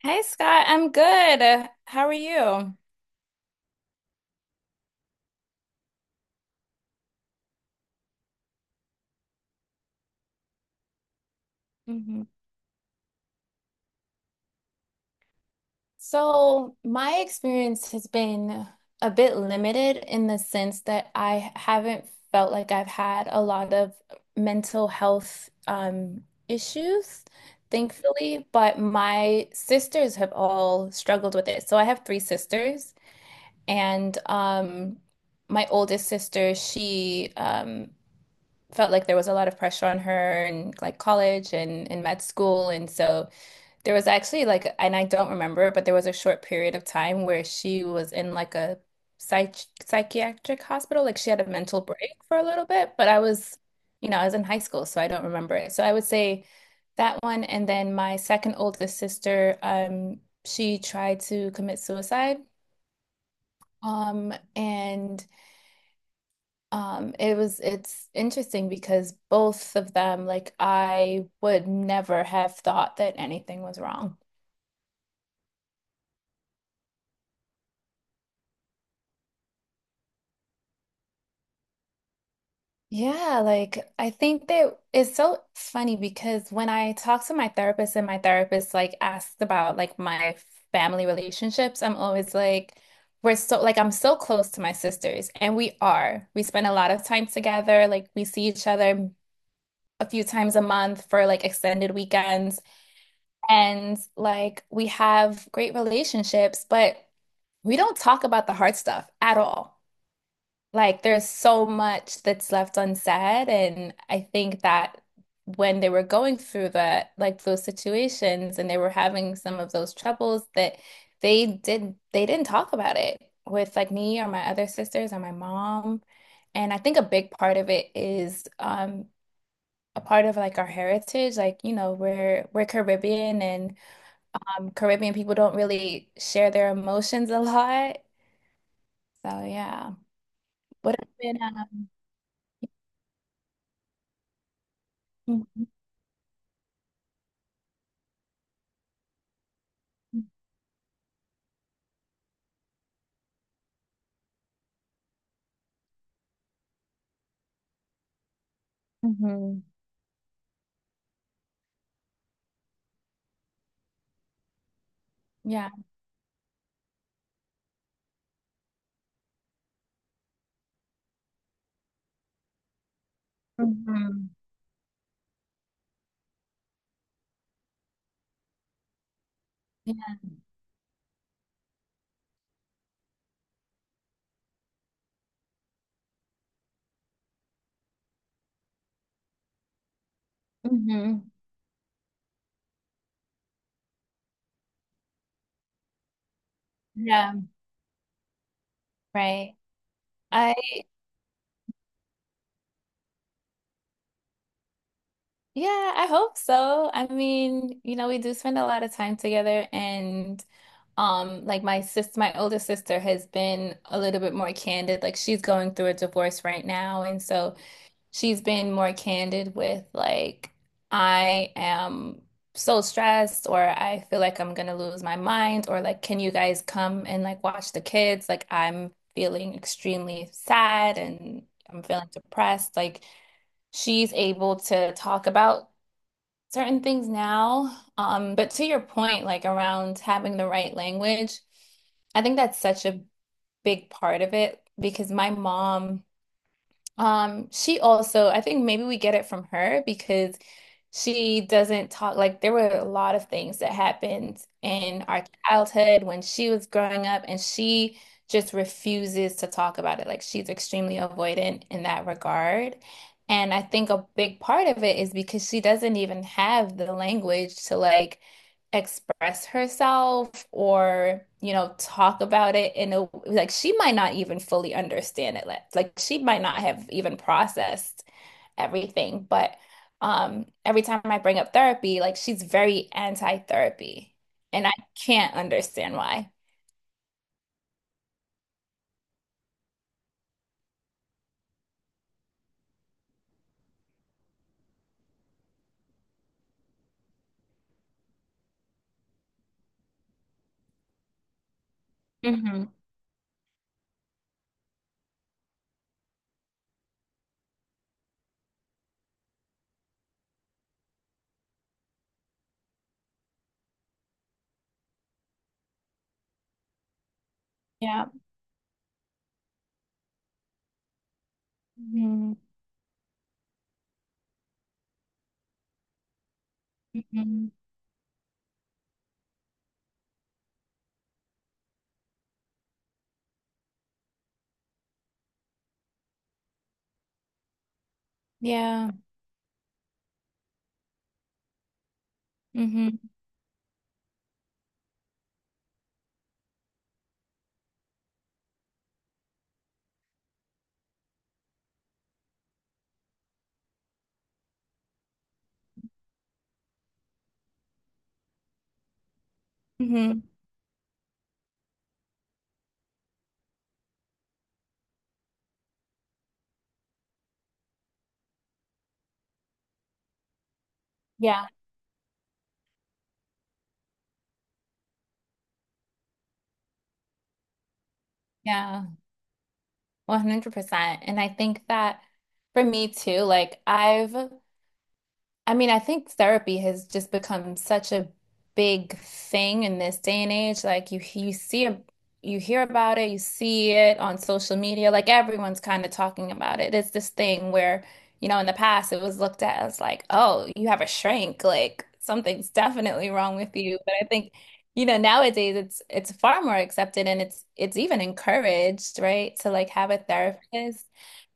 Hey Scott, I'm good. How are you? Hmm. So, my experience has been a bit limited in the sense that I haven't felt like I've had a lot of mental health issues, thankfully, but my sisters have all struggled with it. So, I have three sisters, and my oldest sister, she felt like there was a lot of pressure on her in like college and in med school. And so there was actually like, and I don't remember, but there was a short period of time where she was in like a psych psychiatric hospital. Like she had a mental break for a little bit, but I was, you know, I was in high school, so I don't remember it. So I would say that one. And then my second oldest sister, she tried to commit suicide. And it was it's interesting because both of them, like I would never have thought that anything was wrong. Yeah, like I think that it's so funny because when I talk to my therapist and my therapist like asks about like my family relationships, I'm always like, we're so like I'm so close to my sisters and we are. We spend a lot of time together, like we see each other a few times a month for like extended weekends. And like we have great relationships, but we don't talk about the hard stuff at all. Like there's so much that's left unsaid, and I think that when they were going through that, like those situations, and they were having some of those troubles that they didn't talk about it with like me or my other sisters or my mom. And I think a big part of it is a part of like our heritage, like you know, we're Caribbean and Caribbean people don't really share their emotions a lot. So yeah. What has been mhm, yeah. Mhm. Yeah. Hmm. Yeah, right. I yeah, I hope so. I mean, you know, we do spend a lot of time together and like my older sister has been a little bit more candid. Like she's going through a divorce right now and so she's been more candid with like I am so stressed or I feel like I'm gonna lose my mind or like can you guys come and like watch the kids? Like I'm feeling extremely sad and I'm feeling depressed. Like she's able to talk about certain things now. But to your point, like around having the right language, I think that's such a big part of it because my mom she also, I think maybe we get it from her because she doesn't talk like there were a lot of things that happened in our childhood when she was growing up, and she just refuses to talk about it. Like she's extremely avoidant in that regard. And I think a big part of it is because she doesn't even have the language to like express herself or, you know, talk about it in a like she might not even fully understand it. She might not have even processed everything. But every time I bring up therapy, like she's very anti-therapy, and I can't understand why. Hmm. Yeah. Hmm. Hmm. Yeah. Hmm. Hmm. Yeah. Yeah. 100%. And I think that for me too, I mean, I think therapy has just become such a big thing in this day and age. Like you see a, you hear about it, you see it on social media, like everyone's kind of talking about it. It's this thing where, you know, in the past it was looked at as like, oh, you have a shrink, like something's definitely wrong with you. But I think, you know, nowadays it's far more accepted and it's even encouraged, right? To like have a therapist.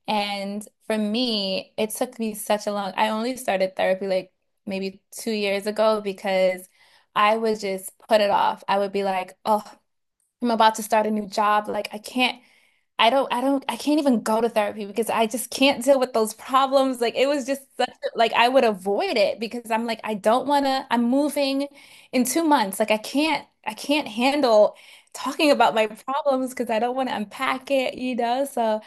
And for me, it took me such a long, I only started therapy like maybe 2 years ago because I would just put it off. I would be like, oh, I'm about to start a new job. Like, I can't even go to therapy because I just can't deal with those problems. Like, it was just such, a- like, I would avoid it because I'm like, I don't wanna, I'm moving in 2 months. Like, I can't handle talking about my problems because I don't want to unpack it, you know? So,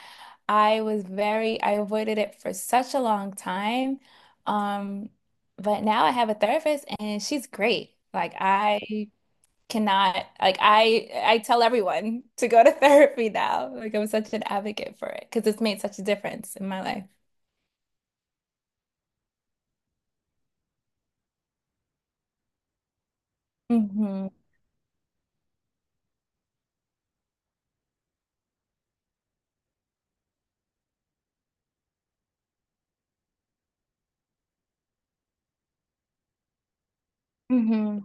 I avoided it for such a long time. Um, but now I have a therapist and she's great. Like I cannot, like I tell everyone to go to therapy now. Like I'm such an advocate for it because it's made such a difference in my life. Mm-hmm. Mm-hmm.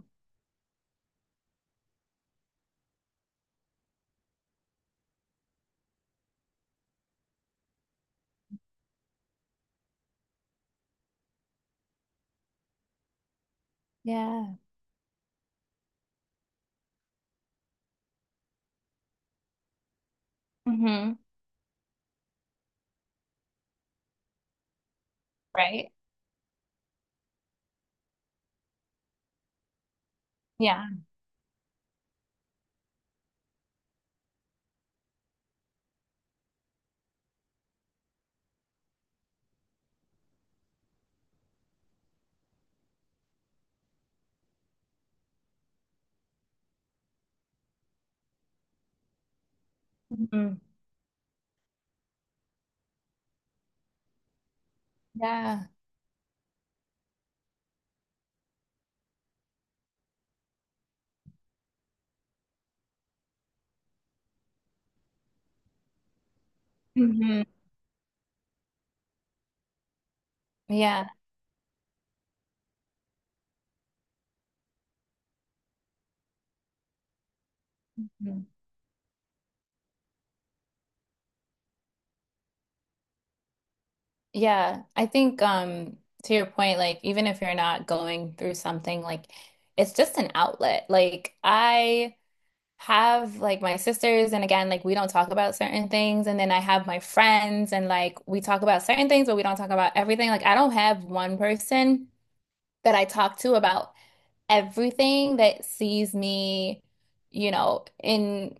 Yeah. Mm-hmm. Right? Yeah. Mm-hmm. Yeah. Mm-hmm. Yeah. Yeah, I think to your point, like even if you're not going through something, like it's just an outlet. Like I have like my sisters and again, like we don't talk about certain things and then I have my friends and like we talk about certain things but we don't talk about everything. Like I don't have one person that I talk to about everything that sees me, you know, in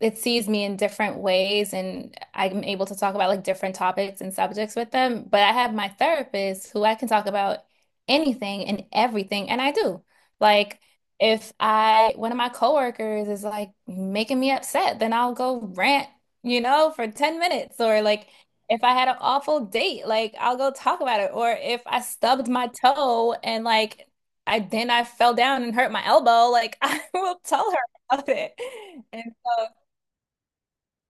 it sees me in different ways and I'm able to talk about like different topics and subjects with them. But I have my therapist who I can talk about anything and everything, and I do. Like if I one of my coworkers is like making me upset, then I'll go rant, you know, for 10 minutes or like if I had an awful date, like I'll go talk about it. Or if I stubbed my toe and like I fell down and hurt my elbow, like I will tell her about it. And so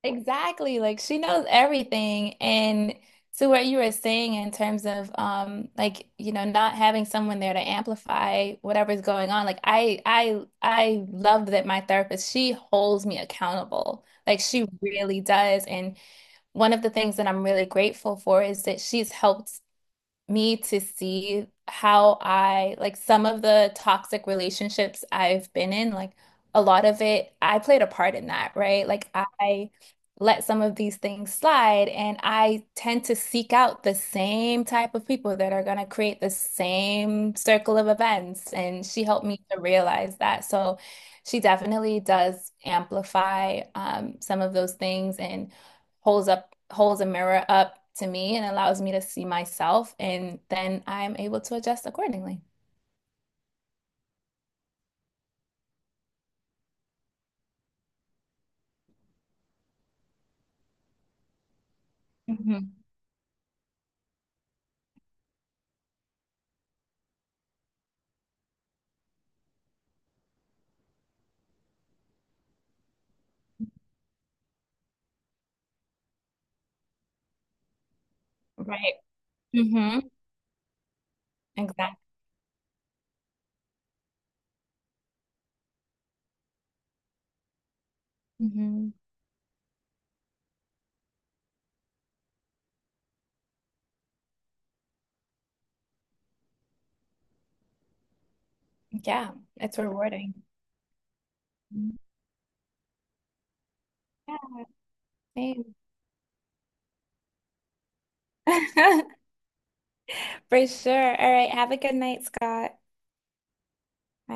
exactly. Like she knows everything. And to what you were saying in terms of like, you know, not having someone there to amplify whatever's going on. Like I love that my therapist, she holds me accountable. Like she really does. And one of the things that I'm really grateful for is that she's helped me to see how I like some of the toxic relationships I've been in, like a lot of it, I played a part in that, right? Like I let some of these things slide and I tend to seek out the same type of people that are going to create the same circle of events. And she helped me to realize that. So she definitely does amplify some of those things and holds a mirror up to me and allows me to see myself, and then I'm able to adjust accordingly. Hmm. Right. Hmm. Exactly. Hmm. Yeah, it's rewarding. Mhm. Yeah, same. For sure. All right. Have a good night, Scott. Bye.